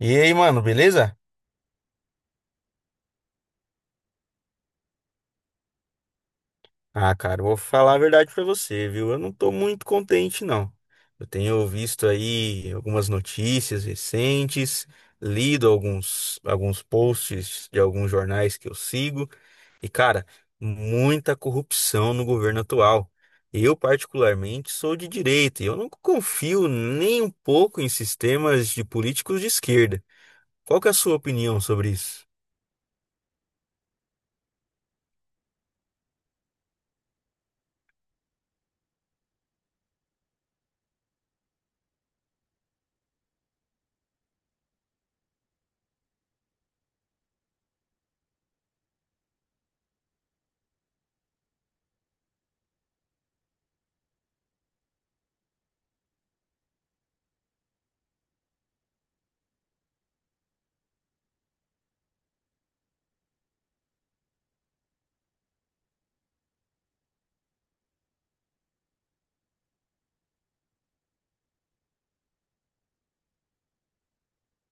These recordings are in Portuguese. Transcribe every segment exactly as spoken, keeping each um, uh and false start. E aí, mano, beleza? Ah, cara, eu vou falar a verdade pra você, viu? Eu não tô muito contente, não. Eu tenho visto aí algumas notícias recentes, lido alguns, alguns posts de alguns jornais que eu sigo, e, cara, muita corrupção no governo atual. Eu, particularmente, sou de direita e eu não confio nem um pouco em sistemas de políticos de esquerda. Qual que é a sua opinião sobre isso?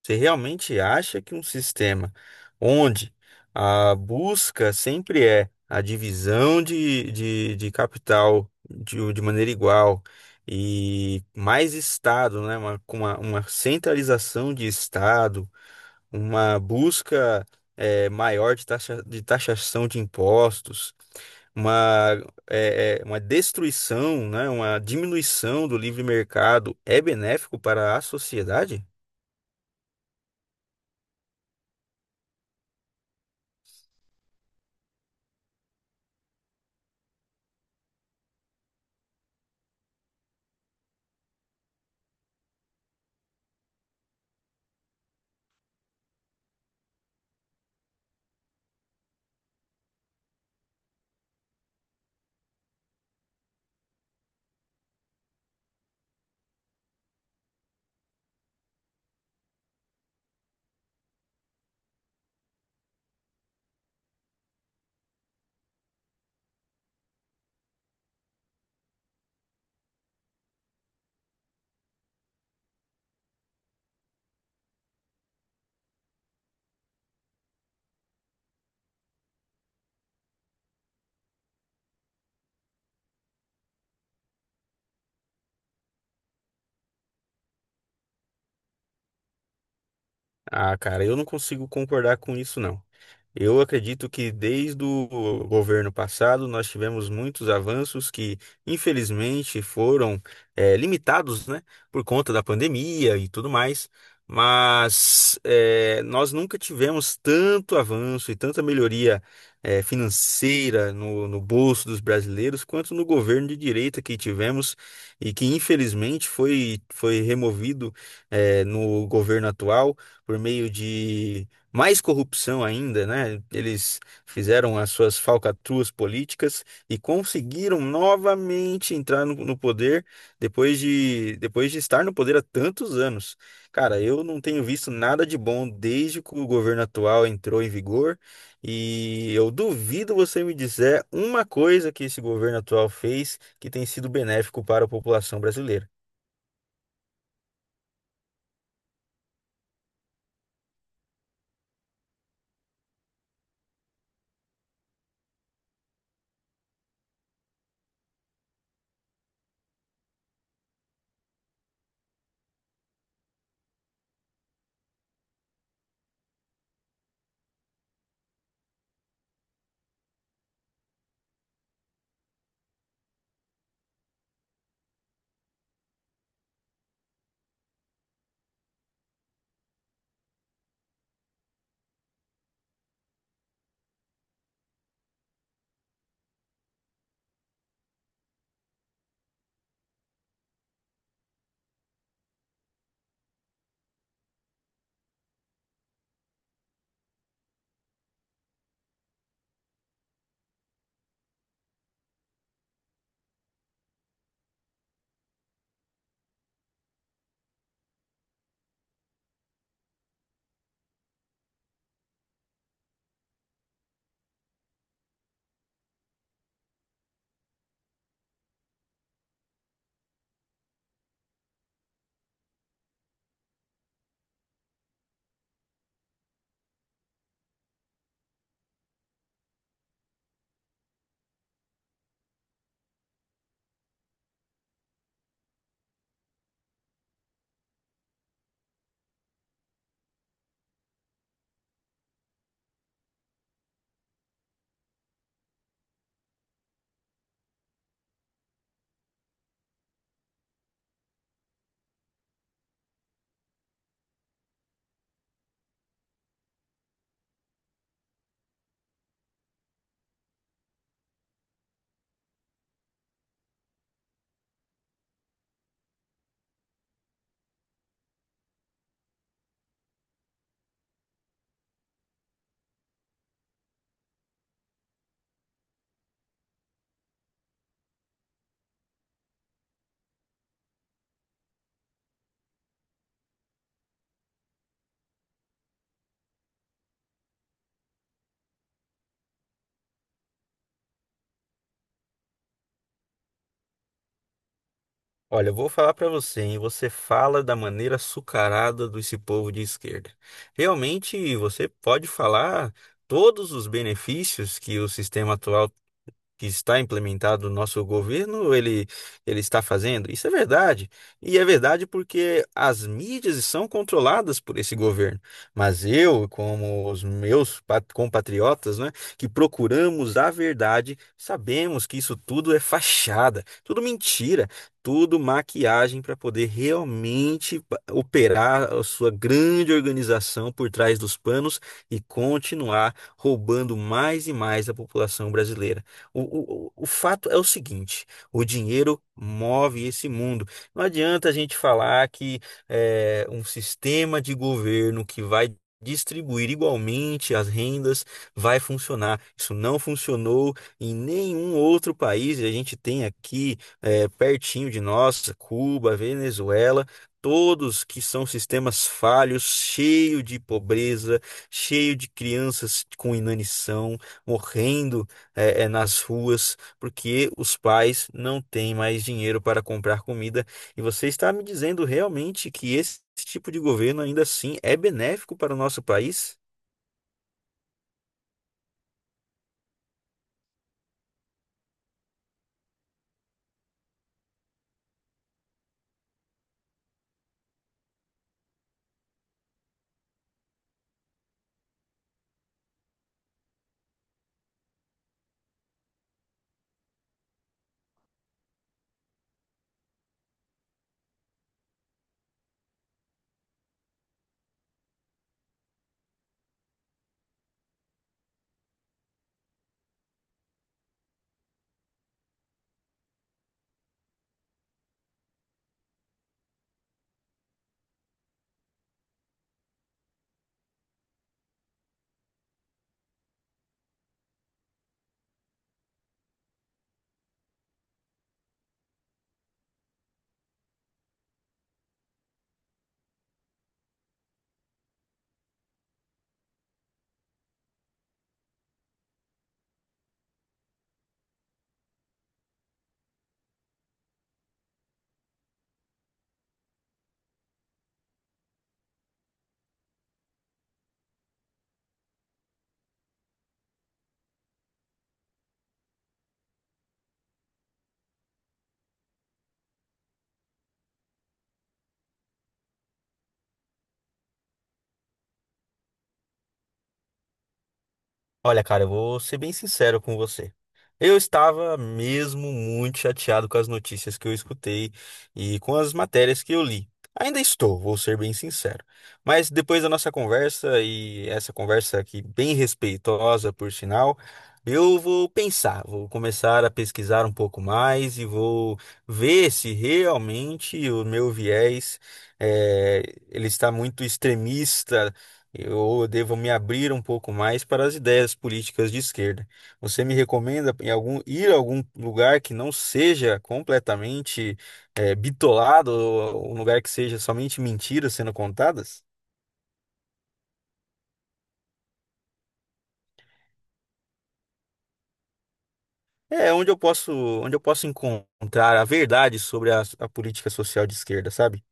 Você realmente acha que um sistema onde a busca sempre é a divisão de, de, de capital de, de maneira igual e mais Estado, né? Uma, com uma, uma centralização de Estado, uma busca eh, maior de taxa, de taxação de impostos, uma, eh, eh, uma destruição, né? Uma diminuição do livre mercado é benéfico para a sociedade? Ah, cara, eu não consigo concordar com isso, não. Eu acredito que desde o governo passado nós tivemos muitos avanços que, infelizmente, foram eh, limitados, né, por conta da pandemia e tudo mais, mas eh, nós nunca tivemos tanto avanço e tanta melhoria eh, financeira no, no bolso dos brasileiros quanto no governo de direita que tivemos e que, infelizmente, foi, foi removido eh, no governo atual por meio de mais corrupção ainda, né? Eles fizeram as suas falcatruas políticas e conseguiram novamente entrar no, no poder depois de, depois de estar no poder há tantos anos. Cara, eu não tenho visto nada de bom desde que o governo atual entrou em vigor e eu duvido você me dizer uma coisa que esse governo atual fez que tem sido benéfico para a população brasileira. Olha, eu vou falar pra você, hein? Você fala da maneira açucarada desse povo de esquerda. Realmente, você pode falar todos os benefícios que o sistema atual que está implementado no nosso governo, ele, ele está fazendo? Isso é verdade. E é verdade porque as mídias são controladas por esse governo. Mas eu, como os meus pat- compatriotas, né, que procuramos a verdade, sabemos que isso tudo é fachada, tudo mentira, tudo maquiagem para poder realmente pa- operar a sua grande organização por trás dos panos e continuar roubando mais e mais a população brasileira. O, o, o fato é o seguinte: o dinheiro move esse mundo. Não adianta a gente falar que é um sistema de governo que vai distribuir igualmente as rendas vai funcionar. Isso não funcionou em nenhum outro país. E a gente tem aqui é, pertinho de nós, Cuba, Venezuela. Todos que são sistemas falhos, cheio de pobreza, cheio de crianças com inanição, morrendo é, é, nas ruas, porque os pais não têm mais dinheiro para comprar comida. E você está me dizendo realmente que esse tipo de governo ainda assim é benéfico para o nosso país? Olha, cara, eu vou ser bem sincero com você. Eu estava mesmo muito chateado com as notícias que eu escutei e com as matérias que eu li. Ainda estou, vou ser bem sincero. Mas depois da nossa conversa, e essa conversa aqui bem respeitosa, por sinal, eu vou pensar, vou começar a pesquisar um pouco mais e vou ver se realmente o meu viés, eh, ele está muito extremista, eu devo me abrir um pouco mais para as ideias políticas de esquerda. Você me recomenda em algum, ir a algum lugar que não seja completamente eh, bitolado, ou um lugar que seja somente mentiras sendo contadas? É, onde eu posso, onde eu posso encontrar a verdade sobre a, a política social de esquerda, sabe?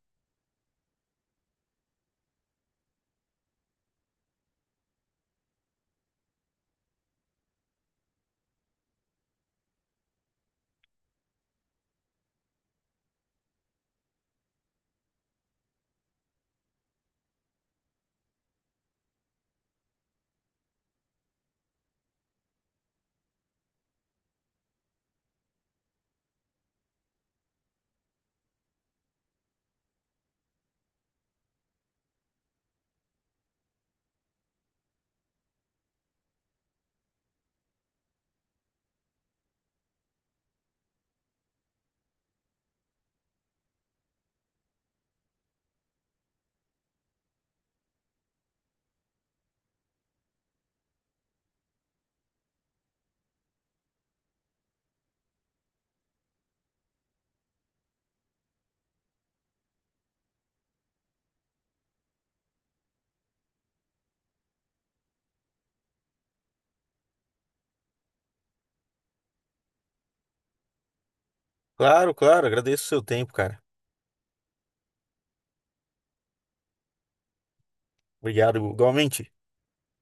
Claro, claro, agradeço o seu tempo, cara. Obrigado, igualmente.